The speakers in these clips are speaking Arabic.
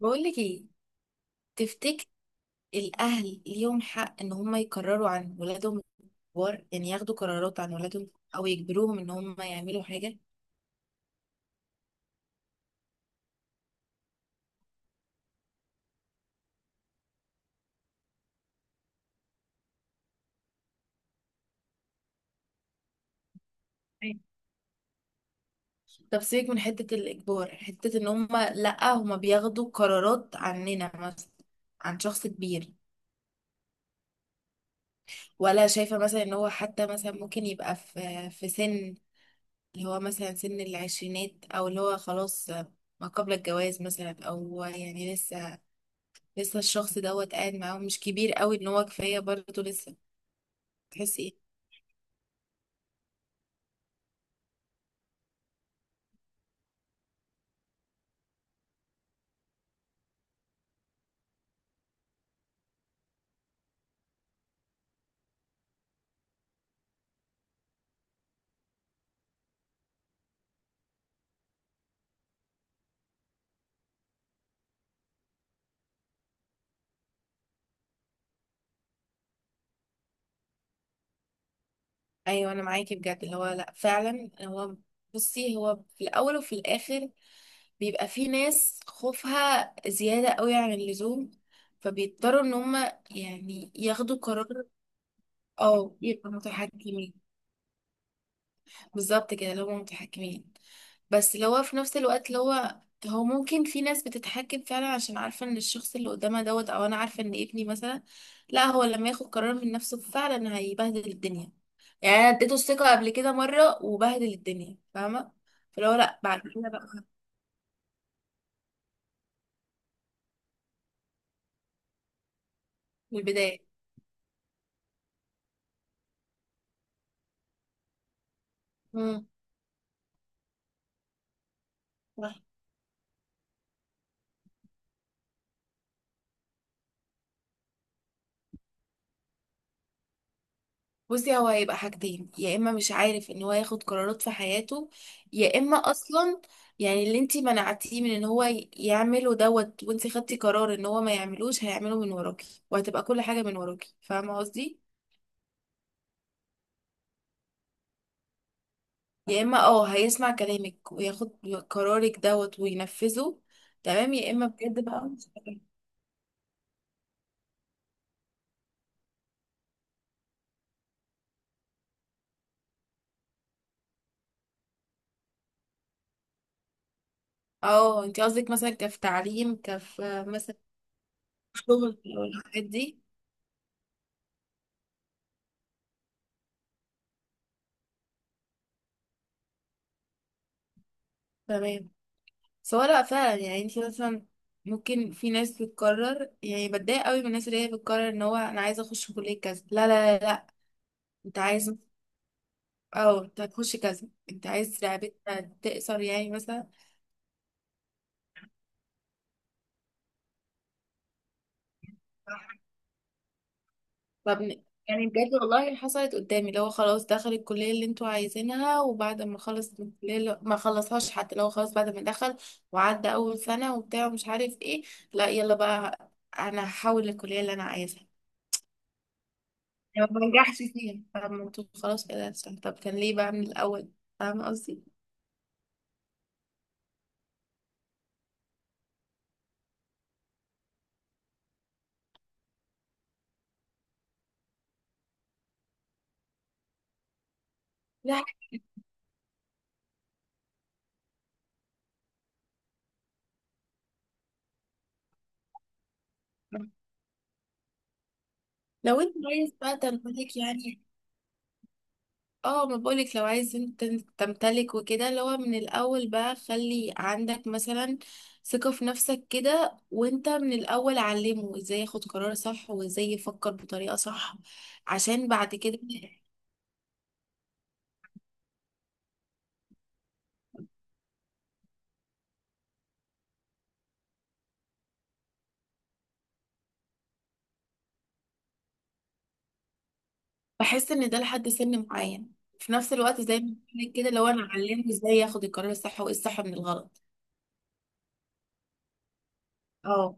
بقولك ايه؟ تفتكر الاهل ليهم حق ان هم يقرروا عن ولادهم؟ الكبار يعني ياخدوا قرارات عن ولادهم، او يجبروهم ان هم يعملوا حاجه؟ أيوة. طب سيبك من حته الاجبار، حته ان هم لا هم بياخدوا قرارات عننا مثلا، عن شخص كبير ولا شايفه مثلا ان هو حتى مثلا ممكن يبقى في سن اللي هو مثلا سن العشرينات، او اللي هو خلاص ما قبل الجواز مثلا، او يعني لسه لسه الشخص دوت قاعد معاهم، مش كبير قوي ان هو كفايه برضه لسه، تحسي ايه؟ ايوه انا معاكي بجد، اللي هو لا فعلا هو، بصي هو في الاول وفي الاخر بيبقى في ناس خوفها زياده قوي عن اللزوم، فبيضطروا ان هم يعني ياخدوا قرار. اه يبقوا متحكمين، بالظبط كده اللي هم متحكمين. بس اللي هو في نفس الوقت اللي هو، هو ممكن في ناس بتتحكم فعلا عشان عارفة ان الشخص اللي قدامها دوت، او انا عارفة ان ابني مثلا لا هو لما ياخد قرار من نفسه فعلا هيبهدل الدنيا. يعني انا اديته الثقة قبل كده مرة وبهدل الدنيا، فاهمة؟ فاللي هو لا بعد كده بقى، من البداية. امم. بصي هو هيبقى حاجتين، يا اما مش عارف ان هو ياخد قرارات في حياته، يا اما اصلا يعني اللي انتي منعتيه من ان هو يعمله دوت، وانتي خدتي قرار ان هو ما يعملوش، هيعمله من وراكي، وهتبقى كل حاجة من وراكي، فاهمة قصدي؟ يا اما اه هيسمع كلامك وياخد قرارك دوت وينفذه، تمام، يا اما بجد بقى مش عارف. اه انتي قصدك مثلا كف تعليم، كف مثلا شغل، او الحاجات دي؟ تمام. سواء لا فعلا يعني انت مثلا، ممكن في ناس بتقرر، يعني بتضايق قوي من الناس اللي هي بتقرر ان هو انا عايزه اخش كليه كذا، لا لا لا لا. انت عايز، او انت هتخش كذا، انت عايز لعبتها تقصر يعني مثلا. طب ن- يعني بجد والله حصلت قدامي، اللي هو خلاص دخل الكلية اللي انتوا عايزينها، وبعد ما خلص من ما خلصهاش، حتى لو خلاص بعد ما دخل وعدى أول سنة وبتاع ومش عارف ايه، لا يلا بقى، أنا هحول الكلية اللي أنا عايزها. يعني ما بنجحش فيها، فاهمة؟ طب خلاص كده أحسن. طب كان ليه بقى من الأول، فاهمة قصدي؟ لا حكمة. لو انت عايز بقى تمتلك يعني، اه ما بقولك لو عايز انت تمتلك وكده، اللي هو من الأول بقى خلي عندك مثلا ثقة في نفسك كده، وانت من الأول علمه ازاي ياخد قرار صح، وازاي يفكر بطريقة صح، عشان بعد كده. بحس ان ده لحد سن معين، في نفس الوقت زي ما بقولك كده، لو انا علمه ازاي ياخد القرار الصح، وايه الصح من الغلط. اه،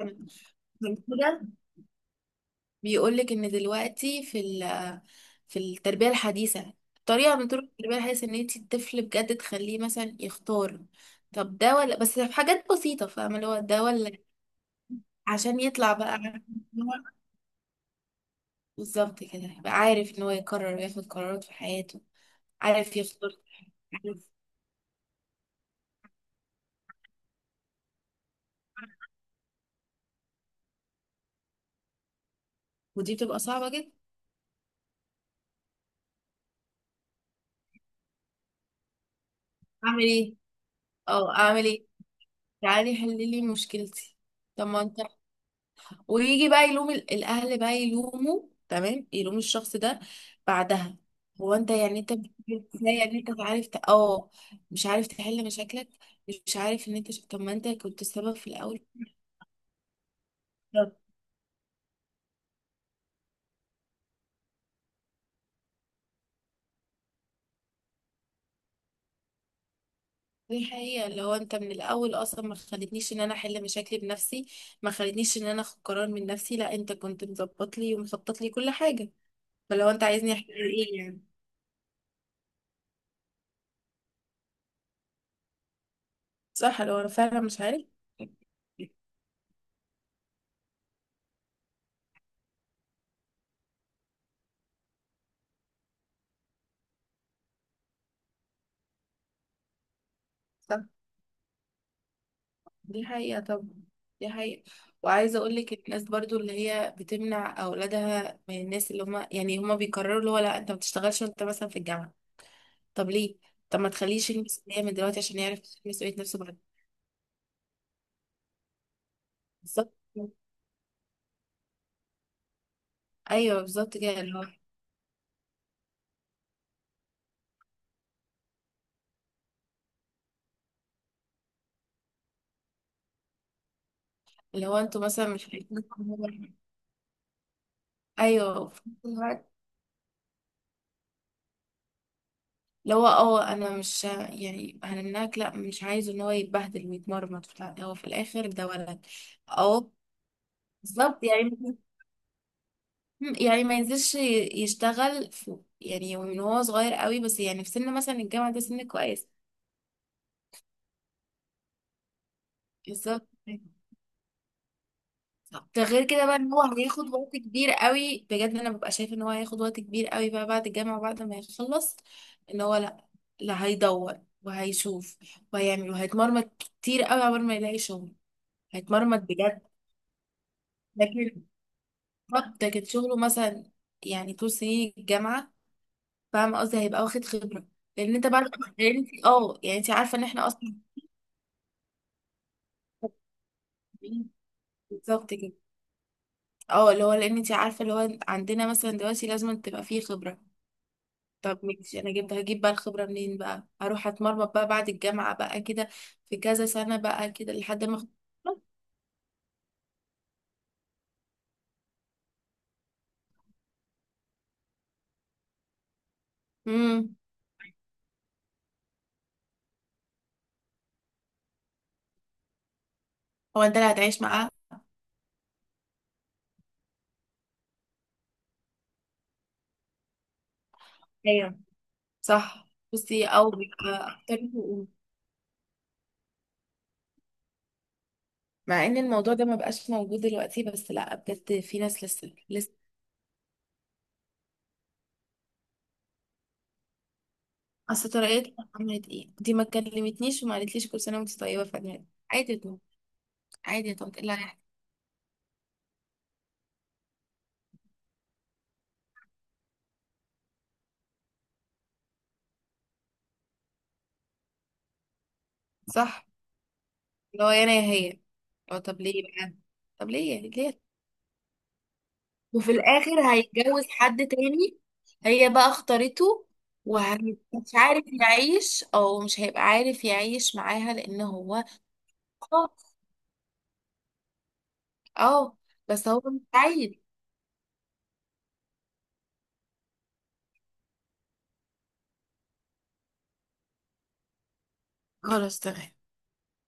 عشان كده بيقول لك ان دلوقتي في في التربيه الحديثه، طريقه من طرق التربيه الحديثه ان انت الطفل بجد تخليه مثلا يختار. طب ده ولا، بس في حاجات بسيطه فاهمه، اللي هو ده ولا، عشان يطلع بقى عارف إن هو- بالظبط كده، يبقى عارف ان هو يقرر وياخد قرارات في حياته. عارف يختار، عارف. ودي بتبقى صعبه جدا. اعمل ايه، اه اعمل ايه، تعالي حللي مشكلتي. طب ما انت، ويجي بقى يلوم الاهل بقى يلوموا، تمام، يلوم الشخص ده بعدها. هو انت يعني انت بتقول ازاي، يعني انت مش عارف اه مش عارف تحل مشاكلك، مش عارف ان انت طب ما انت كنت السبب في الاول. بالظبط. دي حقيقة، اللي هو انت من الاول اصلا ما خلتنيش ان انا احل مشاكلي بنفسي، ما خلتنيش ان انا اخد قرار من نفسي، لا انت كنت مظبط لي ومخطط لي كل حاجة، فلو انت عايزني احل ايه يعني؟ صح، لو انا فعلا مش عارف. دي حقيقة طبعا، دي حقيقة. وعايزة أقولك الناس برضو اللي هي بتمنع أولادها من الناس، اللي هما يعني هما بيقرروا اللي هو لا أنت ما بتشتغلش وأنت مثلا في الجامعة، طب ليه؟ طب ما تخليش يلمس اللي هي من دلوقتي عشان يعرف مسؤولية نفسه بعد. بالظبط، أيوه بالظبط كده اللي هو، اللي هو أنتوا مثلا مش عارفين أيوه في نفس الوقت، اللي هو اه أنا مش يعني هنمنعك، لا مش عايزه إن هو يتبهدل ويتمرمط وبتاع. هو في الآخر ده ولد. أه. بالظبط يعني. مم، يعني ما ينزلش يشتغل في يعني من هو صغير قوي، بس يعني في سن مثلا الجامعة ده سن كويس. بالظبط. صح. ده غير كده بقى ان هو هياخد وقت كبير قوي، بجد انا ببقى شايف ان هو هياخد وقت كبير قوي بقى بعد الجامعة وبعد ما يخلص، ان هو لا، لا هيدور وهيشوف وهيعمل وهيتمرمط كتير قوي قبل ما يلاقي شغل. هيتمرمط بجد. لكن بالظبط، لكن شغله مثلا، يعني طول سنين الجامعة، فاهم قصدي، هيبقى واخد خبرة. لان انت بعد، لان انت اه يعني انت عارفه ان احنا اصلا. بالظبط كده، اه اللي هو لان انت عارفه، اللي هو عندنا مثلا دلوقتي لازم تبقى فيه خبره. طب ماشي انا جبت، هجيب بقى الخبره منين بقى؟ هروح اتمرمط بقى بعد الجامعه بقى كده، في كذا سنه بقى كده لحد ما اخد خبرة. امم. هو انت اللي هتعيش معاه؟ ايوه صح. بصي او بيبقى اكتر حقوق. مع ان الموضوع ده ما بقاش موجود دلوقتي، بس لا بجد في ناس لسه لسه، اصل طريقتها عملت ايه دي؟ ما كلمتنيش وما قالتليش، كل سنه وانت طيبه، فجأة عادي يا عادي يا طنط إيه اللي هيحصل؟ صح، اللي هو يا انا يا هي. اه طب ليه بقى، طب ليه ليه؟ وفي الاخر هيتجوز حد تاني، هي بقى اختارته، ومش عارف يعيش، او مش هيبقى عارف يعيش معاها لان هو، اه. آه، بس هو مش عايز. خلاص تمام.